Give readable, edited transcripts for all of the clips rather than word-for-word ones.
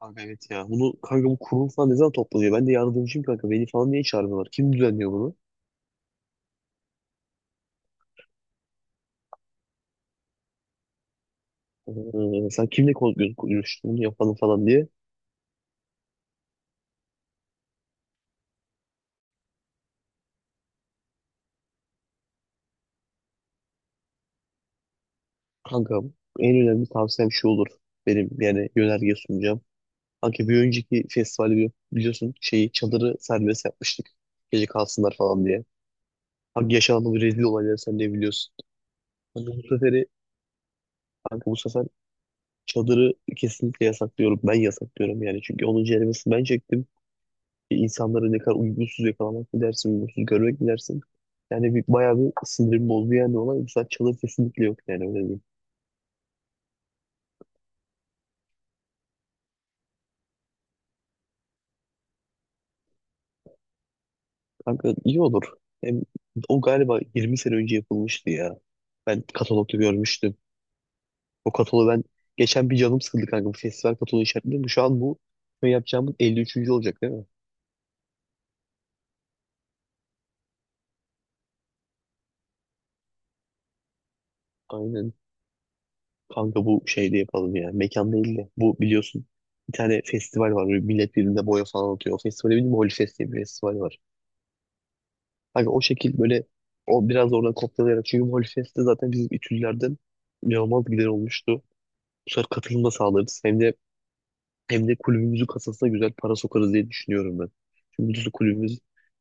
Kanka evet ya. Bunu kanka bu kurul falan ne zaman toplanıyor? Ben de yardımcıyım kanka. Beni falan niye çağırmıyorlar? Kim düzenliyor bunu? Sen kimle konuşuyorsun bunu yapalım falan diye. Kanka en önemli tavsiyem şu olur. Benim yani yönerge sunacağım. Kanka bir önceki festivali biliyorsun şeyi çadırı serbest yapmıştık. Gece kalsınlar falan diye. Kanka yaşanan bir rezil olayları sen de biliyorsun. Kanka bu seferi kanka bu sefer çadırı kesinlikle yasaklıyorum. Ben yasaklıyorum yani. Çünkü onun ceremesini ben çektim. İnsanları ne kadar uygunsuz yakalamak mı dersin, uygunsuz görmek mi dersin? Yani bir, bayağı bir sinirim bozdu yani olay. Mesela çalı kesinlikle yok yani öyle diyeyim. Kanka iyi olur. Hem o galiba 20 sene önce yapılmıştı ya. Ben katalogda görmüştüm. O kataloğu ben geçen bir canım sıkıldı kanka. Bu festival kataloğu işaretledim. Şu an bu şey yapacağımız 53. olacak değil mi? Aynen. Kanka bu şeyde yapalım ya. Mekan değil de. Bu biliyorsun bir tane festival var. Böyle millet birbirine boya falan atıyor. O festivale bildim bilmiyorum. Holyfest diye bir festival var. Hani o şekil böyle o biraz oradan kopyalayarak. Çünkü Molfest'te zaten bizim İTÜ'lülerden inanılmaz gider olmuştu. Bu sefer katılım da sağlarız. Hem de kulübümüzün kasasına güzel para sokarız diye düşünüyorum ben. Çünkü biliyorsun kulübümüz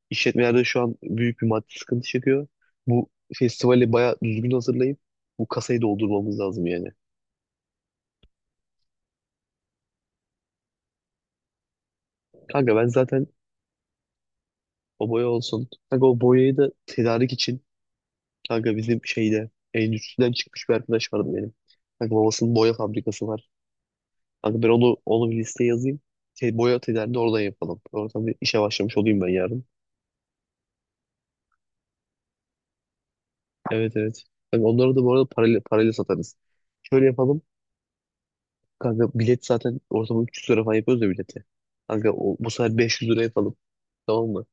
işletmelerde şu an büyük bir maddi sıkıntı çekiyor. Bu festivali bayağı düzgün hazırlayıp bu kasayı doldurmamız lazım yani. Kanka ben zaten o boya olsun. Kanka o boyayı da tedarik için kanka bizim şeyde endüstriden çıkmış bir arkadaş vardı benim. Kanka babasının boya fabrikası var. Kanka ben onu bir listeye yazayım. Şey, boya atölyelerini oradan yapalım. Oradan bir işe başlamış olayım ben yarın. Evet, evet. Kanka onları da bu arada parayla satarız. Şöyle yapalım. Kanka bilet zaten ortalama 300 lira falan yapıyoruz ya bileti. Kanka o, bu sefer 500 lira yapalım. Tamam mı?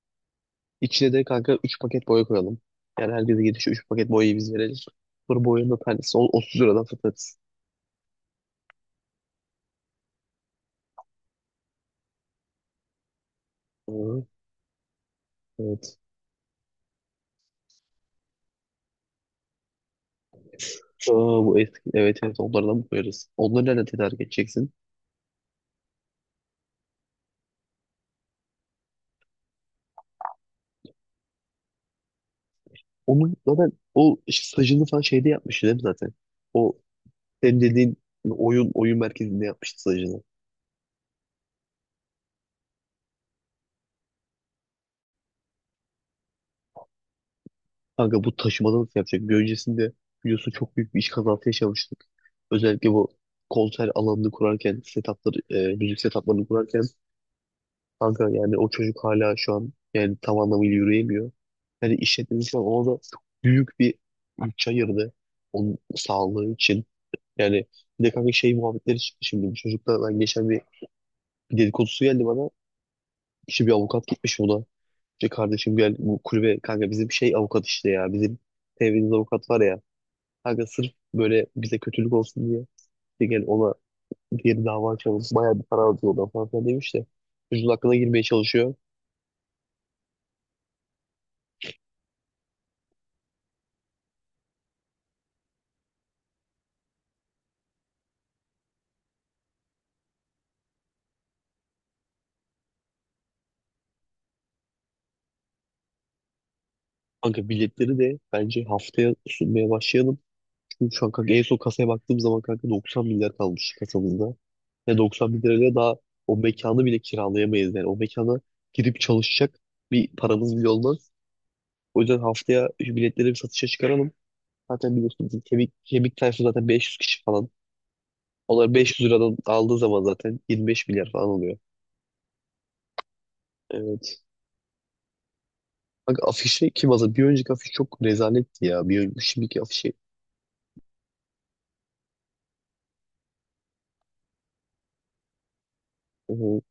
İçine de kanka 3 paket boya koyalım. Yani herkese gidişe 3 paket boyayı biz verelim. Sonra boyanın da tanesi 30 liradan satarız. Hı, evet. Aa, bu eski. Evet, evet, onlardan koyarız. Onları nereden tedarik edeceksin? Onun zaten o işte stajını falan şeyde yapmıştı değil mi zaten? O senin dediğin oyun merkezinde yapmıştı stajını. Kanka bu taşımada nasıl yapacak? Bir öncesinde biliyorsun çok büyük bir iş kazası yaşamıştık. Özellikle bu konser alanını kurarken, setupları, müzik setuplarını kurarken kanka yani o çocuk hala şu an yani tam anlamıyla yürüyemiyor. Yani işletmemiz falan ona da çok büyük bir bütçe ayırdı. Onun sağlığı için. Yani bir de kanka şey muhabbetleri çıktı şimdi. Bu çocukla ben geçen bir dedikodusu geldi bana. İşte bir avukat gitmiş buna. İşte kardeşim gel bu kulübe kanka bizim şey avukat işte ya. Bizim sevdiğimiz avukat var ya. Kanka sırf böyle bize kötülük olsun diye. İşte gel ona diğer dava açalım. Bayağı bir para alıyor ona falan filan demiş de. Çocuğun aklına girmeye çalışıyor. Kanka biletleri de bence haftaya sunmaya başlayalım. Çünkü şu an kanka en son kasaya baktığım zaman kanka 90 milyar kalmış kasamızda. Ve 90 bin lirayla daha o mekanı bile kiralayamayız yani. O mekana girip çalışacak bir paramız bile olmaz. O yüzden haftaya şu biletleri bir satışa çıkaralım. Zaten biliyorsun bizim kemik tayfası zaten 500 kişi falan. Onlar 500 liradan aldığı zaman zaten 25 milyar falan oluyor. Evet. Bak afişi kim hazır? Bir önceki afiş çok rezaletti ya. Bir önceki, şimdiki afişi. O,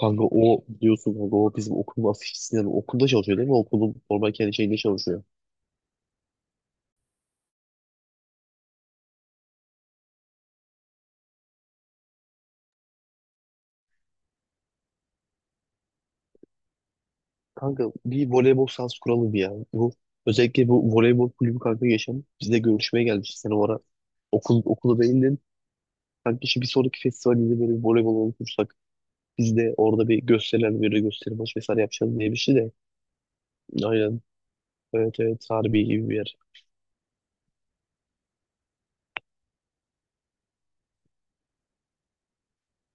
kanka o biliyorsun kanka o bizim okulun afişçisinden. Okulda çalışıyor değil mi? Okulun normal kendi şeyinde çalışıyor. Kanka bir voleybol sahası kuralım ya. Bu özellikle bu voleybol kulübü kanka geçen bizde görüşmeye gelmişti. Sen o ara okulu değil de kanka işte bir sonraki festivalde böyle bir voleybol olursak biz de orada bir gösteriler böyle gösteri maç vesaire yapacağız diye bir şey de. Aynen. Evet, evet, harbi gibi bir yer.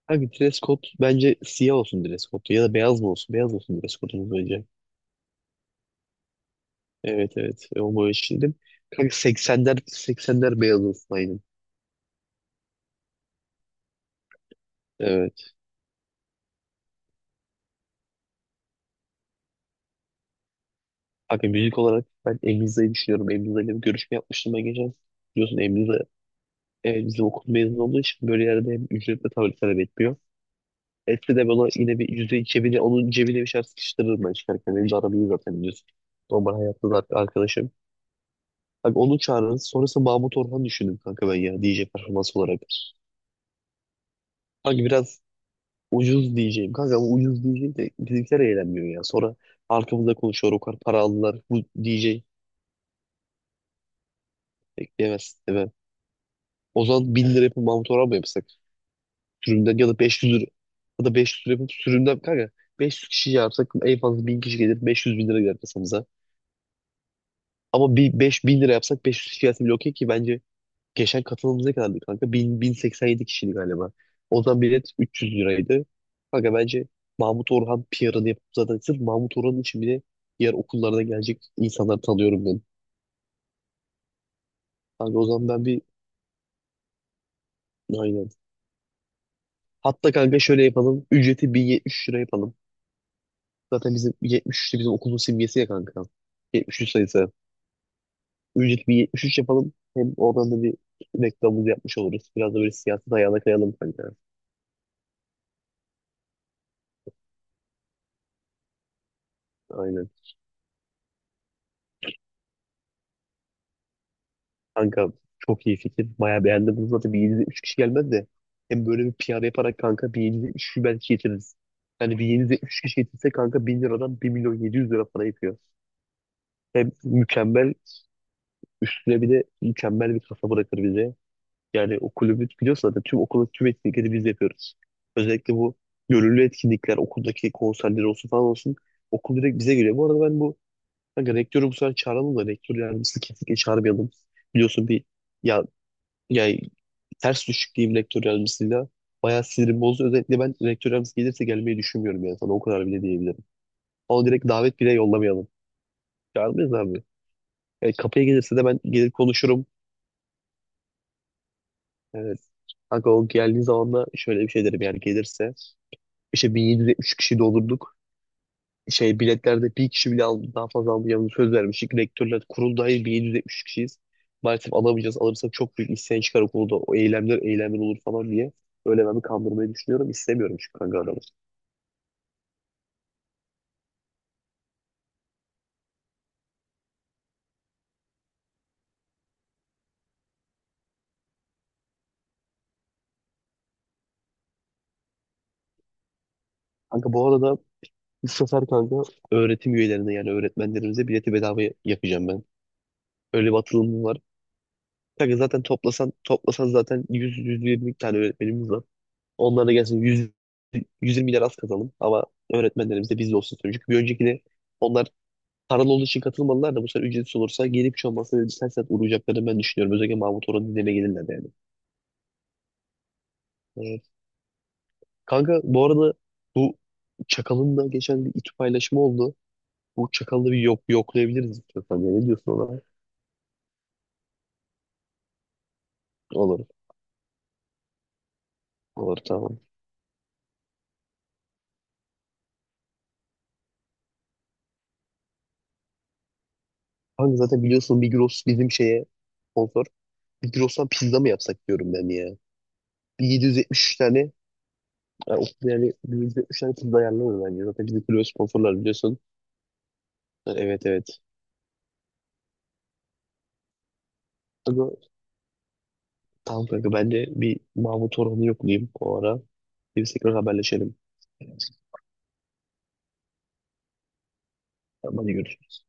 Kanka dress code bence siyah olsun dress code ya da beyaz mı olsun? Beyaz olsun dress code'umuz bence. Evet, evet. Onu eşitledim. Kanka 80'ler beyaz olsun aynen. Evet. Kanka müzik olarak ben Emriza'yı düşünüyorum. Emriza'yla bir görüşme yapmıştım ben geçen. Biliyorsun Emriza bizim okul mezunu olduğu için böyle yerde hem ücretle tabii talep etmiyor. Etse de bana yine bir yüzde cebine, onun cebine bir şeyler sıkıştırırım ben çıkarken. Benim de aram zaten biliyorsun. Normal hayatta da arkadaşım. Abi onu çağırırız. Sonrası Mahmut Orhan düşündüm kanka ben ya DJ performans olarak. Kanka biraz ucuz diyeceğim. Kanka ama ucuz diyeceğim de bizimkiler eğlenmiyor ya. Sonra arkamızda konuşuyor o kadar para aldılar. Bu DJ bekleyemez. Evet. O zaman 1000 lira yapıp Mahmut Orhan mı yapsak? Sürümden ya da 500 lira. Ya da 500 lira yapıp sürümden kanka 500 kişi yapsak en fazla 1000 kişi gelir. 500 bin lira gelir. Ama bir 5000 lira yapsak 500 fiyatı bile okey ki bence geçen katılımımız ne kadardı kanka? 1000, yedi kişiydi galiba. O zaman bilet 300 liraydı. Kanka bence Mahmut Orhan PR'ını yapıp zaten sırf Mahmut Orhan için bile diğer okullardan gelecek insanlar tanıyorum ben. Kanka o zaman ben bir aynen. Hatta kanka şöyle yapalım. Ücreti 1073 lira yapalım. Zaten bizim 73 de bizim okulun simgesi ya kanka. 73 sayısı. Ücreti 1073 yapalım. Hem oradan da bir reklamımızı yapmış oluruz. Biraz da böyle siyasi ayağına kayalım kanka. Aynen. Kanka çok iyi fikir. Bayağı beğendim bunu zaten bir 773 kişi gelmez de. Hem böyle bir piyade yaparak kanka bir 773 kişi belki getiririz. Yani bir yedi üç kişi getirse kanka 1000 liradan 1.700.000 lira para yapıyor. Hem mükemmel üstüne bir de mükemmel bir kasa bırakır bize. Yani o kulübü biliyorsun zaten tüm okulun tüm etkinlikleri biz yapıyoruz. Özellikle bu gönüllü etkinlikler okuldaki konserler olsun falan olsun. Okul direkt bize geliyor. Bu arada ben bu kanka rektörü bu sefer çağıralım da rektör yardımcısını kesinlikle çağırmayalım. Biliyorsun bir ya yani ters düşük diyeyim rektör yardımcısıyla. Bayağı sinirim bozdu. Özellikle ben rektör yardımcısı gelirse gelmeyi düşünmüyorum yani sana o kadar bile diyebilirim. Ama direkt davet bile yollamayalım. Çağırmayız abi. Yani kapıya gelirse de ben gelir konuşurum. Evet. Kanka o geldiği zaman da şöyle bir şey derim yani gelirse. İşte 1773 kişi doldurduk. Şey biletlerde bir kişi bile aldı, daha fazla almayacağımızı söz vermiştik. Rektörler kurul dahil 1773 kişiyiz. Maalesef alamayacağız. Alırsak çok büyük isyan çıkar okulda. O eylemler olur falan diye. Öyle ben bir kandırmayı düşünüyorum. İstemiyorum çünkü kanka adamı. Kanka bu arada bu sefer kanka öğretim üyelerine yani öğretmenlerimize bileti bedava yapacağım ben. Öyle bir atılımım var. Kanka zaten toplasan toplasan zaten 100-120 tane öğretmenimiz var. Onlara da gelsin 100-120 lira az kazanalım ama öğretmenlerimiz de bizde olsun istiyorum. Çünkü bir öncekine onlar paralı olduğu için katılmadılar da bu sefer ücretsiz olursa gelip hiç olmazsa bir sen saat uğrayacaklarını ben düşünüyorum. Özellikle Mahmut Orhan'ın dinlerine gelirler yani. Evet. Kanka bu arada bu Çakal'ın da geçen bir İTÜ paylaşımı oldu. Bu çakalı bir yok yoklayabiliriz istiyorsan. Ya. Ne diyorsun ona? Olur. Olur, tamam. Kanka zaten biliyorsun Migros bizim şeye sponsor. Migros'tan pizza mı yapsak diyorum ben ya. Bir 773 tane yani, yani bir 773 tane pizza ayarlanır bence. Zaten bizim kulübe sponsorlar biliyorsun. Ha, evet, evet. Kanka, tamam kanka ben de bir Mahmut Orhan'ı yoklayayım o ara. Biz tekrar haberleşelim. Tamam, hadi görüşürüz.